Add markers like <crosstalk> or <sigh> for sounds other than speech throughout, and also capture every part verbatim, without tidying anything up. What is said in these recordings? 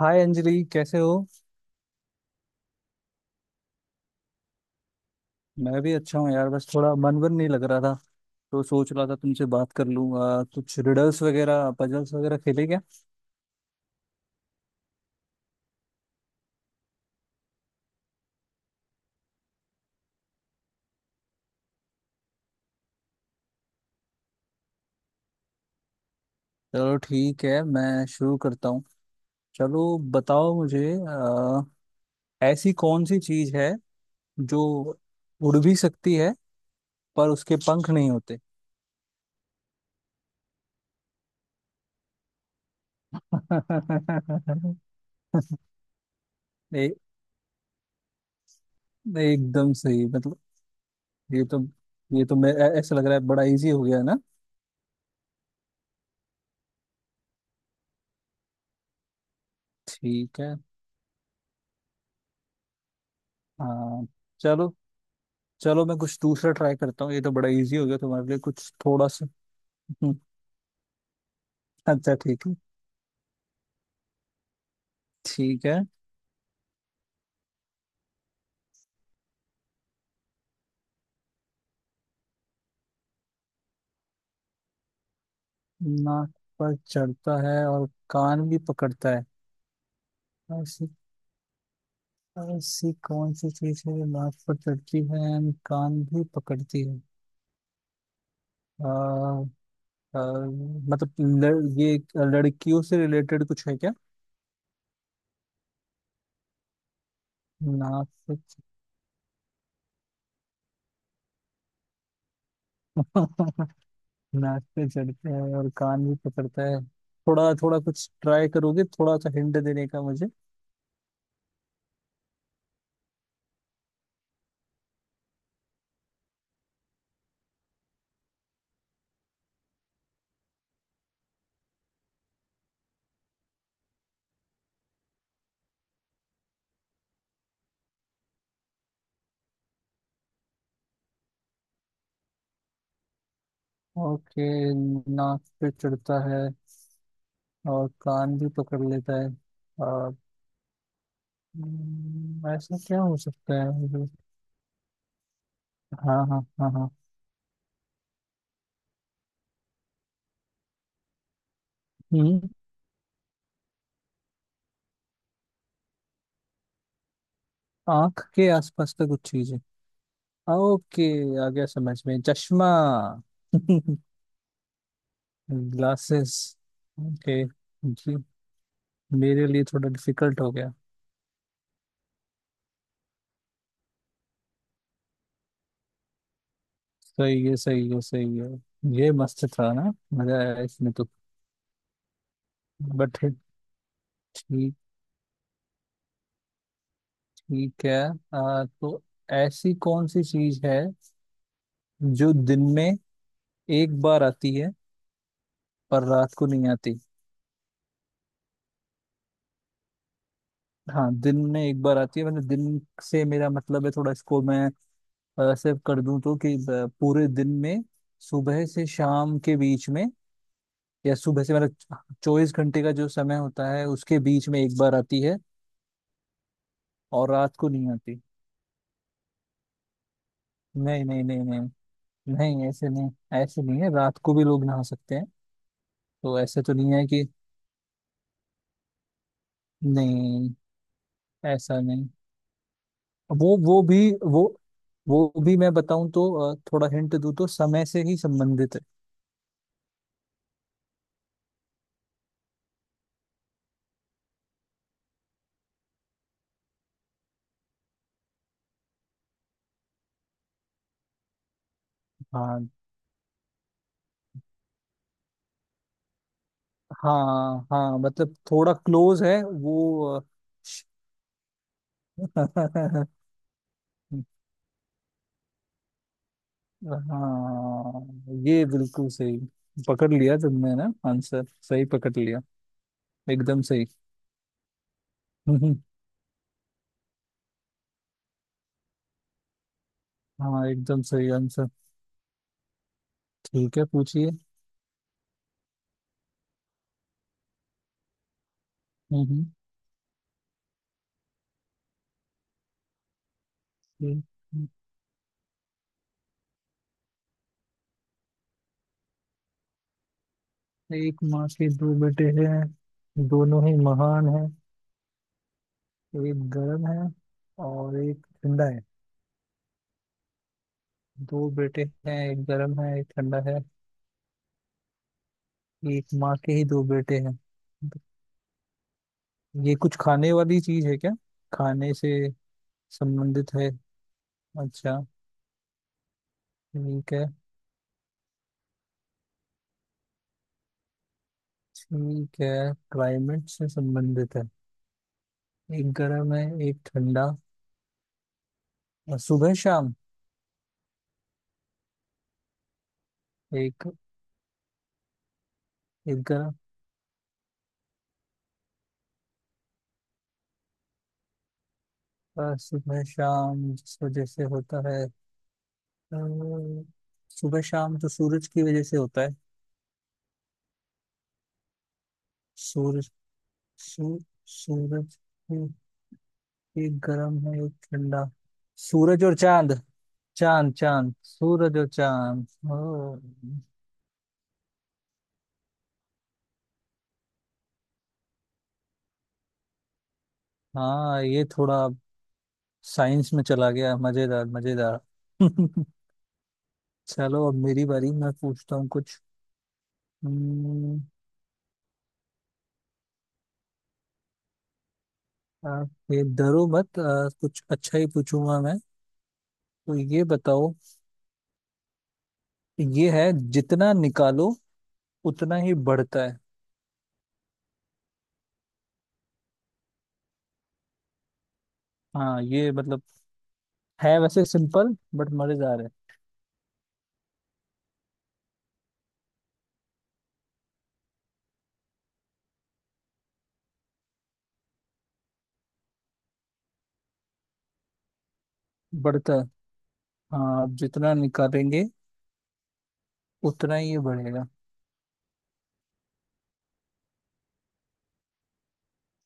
हाय अंजलि, कैसे हो? मैं भी अच्छा हूँ यार, बस थोड़ा मन वन नहीं लग रहा था। तो सोच रहा था तुमसे बात कर लूँ। आ, कुछ रिडल्स वगैरह पजल्स वगैरह खेले क्या? चलो ठीक है, मैं शुरू करता हूँ। चलो। बताओ मुझे आ, ऐसी कौन सी चीज़ है जो उड़ भी सकती है पर उसके पंख नहीं होते? <laughs> ए, एकदम सही, मतलब ये तो ये तो मैं ऐसा लग रहा है बड़ा इजी हो गया ना। ठीक है। हाँ। चलो। चलो मैं कुछ दूसरा ट्राई करता हूँ, ये तो बड़ा इजी हो गया तुम्हारे लिए, कुछ थोड़ा सा। हम्म, अच्छा ठीक है। ठीक है। नाक पर चढ़ता है और कान भी पकड़ता है। ऐसी ऐसी कौन सी चीज है जो नाक पर चढ़ती है and कान भी पकड़ती है? आ, आ, मतलब लड़, ये एक लड़कियों से रिलेटेड कुछ है क्या? नाक पे <laughs> नाक पे चढ़ता है और कान भी पकड़ता है। थोड़ा थोड़ा कुछ ट्राई करोगे, थोड़ा सा हिंट देने का मुझे? ओके। नाक पे चढ़ता है और कान भी पकड़ लेता है और हम्म, ऐसा क्या हो सकता है जो? हाँ हाँ हाँ हाँ। हम्म। आंख के आसपास का कुछ चीज है। ओके, आ गया समझ में, चश्मा। <laughs> ग्लासेस। ओके। जी। मेरे लिए थोड़ा डिफिकल्ट हो गया। सही है, सही है, सही है। ये मस्त था ना, मजा आया इसमें तो। बट, ठीक, ठीक है। आ, तो ऐसी कौन सी चीज है जो दिन में एक बार आती है पर रात को नहीं आती? हाँ, दिन में एक बार आती है, मतलब दिन से मेरा मतलब है, थोड़ा इसको मैं ऐसे कर दूं तो कि अ, पूरे दिन में, सुबह से शाम के बीच में, या सुबह से मतलब चौबीस घंटे का जो समय होता है उसके बीच में एक बार आती है और रात को नहीं आती। नहीं, नहीं, नहीं, नहीं। नहीं, ऐसे नहीं। ऐसे नहीं है, रात को भी लोग नहा सकते हैं। तो ऐसे तो नहीं है कि, नहीं, ऐसा नहीं। वो वो भी वो वो भी मैं बताऊं तो अ, थोड़ा हिंट दूं तो, समय से ही संबंधित है। हाँ हाँ हाँ, मतलब थोड़ा क्लोज है वो अ, <laughs> हाँ ये बिल्कुल सही। पकड़ लिया तुमने ना, आंसर सही पकड़ लिया। एकदम सही। <laughs> हम्म, हाँ एकदम सही आंसर। ठीक है, पूछिए। हम्म। हम्म, एक एक माँ के दो बेटे हैं, दोनों ही महान हैं। एक गर्म है और एक ठंडा है। दो बेटे हैं, एक गर्म है एक ठंडा है, एक माँ के ही दो बेटे हैं। ये कुछ खाने वाली चीज है क्या, खाने से संबंधित है? अच्छा, ठीक है। ठीक है, क्लाइमेट से संबंधित है। एक गर्म है, एक ठंडा, और सुबह शाम, एक एक गर्म, और सुबह शाम जिस वजह से होता है, अ, सुबह शाम तो सूरज की वजह से होता है। सूरज, सू, सूरज। एक गर्म है एक ठंडा। सूरज और चांद, चांद चांद, सूरज और चांद। ओ। हाँ ये थोड़ा साइंस में चला गया, मजेदार मजेदार। <laughs> चलो, अब मेरी बारी, मैं पूछता हूँ कुछ। हम्म, आप ये डरो मत, आ, कुछ अच्छा ही पूछूंगा मैं। तो ये बताओ, ये है, जितना निकालो उतना ही बढ़ता है। हाँ ये मतलब है वैसे सिंपल बट मजेदार है। बढ़ता है। हाँ आप जितना निकालेंगे उतना ही ये बढ़ेगा।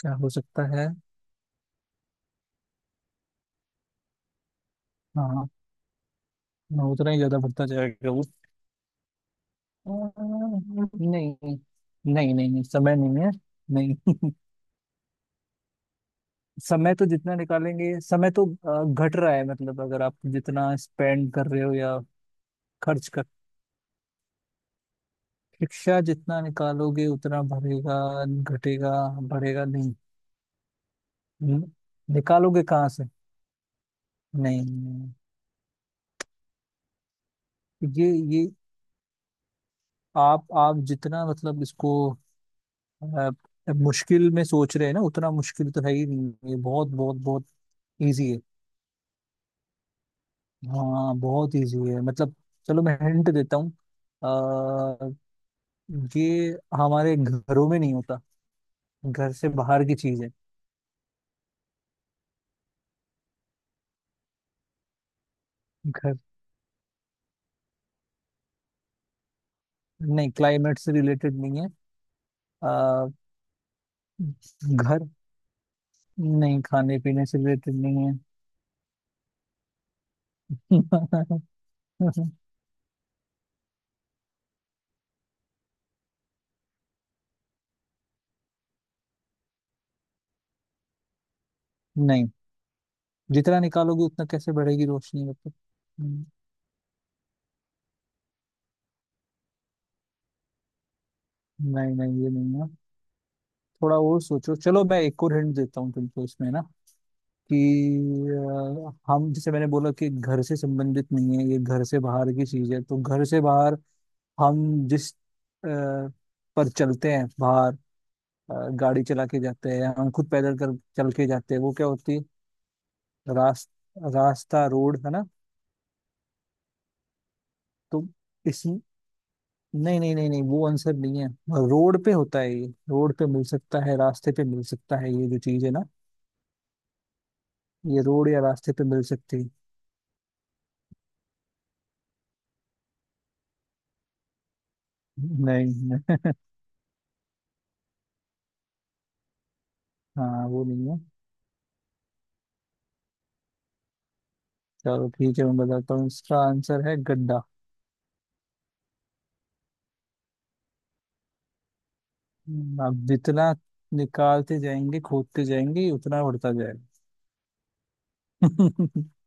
क्या हो सकता है? हाँ, हाँ, उतना ही ज्यादा बढ़ता जाएगा वो। अ, नहीं नहीं, नहीं नहीं, समय नहीं है, नहीं। <laughs> समय तो जितना निकालेंगे, समय तो अ, घट रहा है मतलब, अगर आप जितना स्पेंड कर रहे हो या खर्च कर, शिक्षा जितना निकालोगे उतना बढ़ेगा, घटेगा, बढ़ेगा नहीं। न- निकालोगे कहाँ से? नहीं, नहीं, नहीं। ये ये आप आप जितना, मतलब इसको अब अब मुश्किल में सोच रहे हैं ना, उतना मुश्किल तो है ही नहीं ये, बहुत बहुत बहुत इजी है। हाँ बहुत इजी है मतलब। चलो मैं हिंट देता हूँ, अ, ये हमारे घरों में नहीं होता, घर से बाहर की चीज है। घर नहीं, क्लाइमेट से रिलेटेड नहीं है। आ, घर नहीं, खाने पीने से रिलेटेड नहीं है। <laughs> नहीं, जितना निकालोगे उतना कैसे बढ़ेगी रोशनी, मतलब। हम्म, नहीं नहीं ये नहीं है। थोड़ा वो सोचो, चलो मैं एक और हिंट देता हूँ तुमको इसमें ना, कि अ, हम, जैसे मैंने बोला कि घर से संबंधित नहीं है, ये घर से बाहर की चीज है, तो घर से बाहर हम जिस अ, पर चलते हैं बाहर, अ, गाड़ी चला के जाते हैं हम, खुद पैदल कर चल के जाते हैं, वो क्या होती है? रास, रास्ता, रोड है ना। तो इस नहीं नहीं, नहीं नहीं, वो आंसर नहीं है। रोड पे होता है ये, रोड पे मिल सकता है, रास्ते पे मिल सकता है ये जो चीज है ना, ये रोड या रास्ते पे मिल सकती है। नहीं, नहीं, <laughs> हाँ वो नहीं है। चलो ठीक है, मैं बताता हूँ, इसका आंसर है गड्ढा। हम्म, आप जितना निकालते जाएंगे, खोदते जाएंगे, उतना बढ़ता जाएगा। <laughs>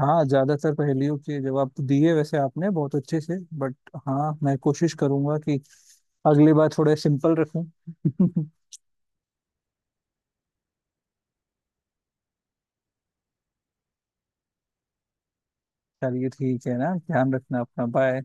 हाँ, ज्यादातर पहेलियों के जवाब तो दिए वैसे आपने बहुत अच्छे से, बट हाँ मैं कोशिश करूंगा कि अगली बार थोड़े सिंपल रखूं। <laughs> चलिए, ठीक है ना, ध्यान रखना अपना, बाय।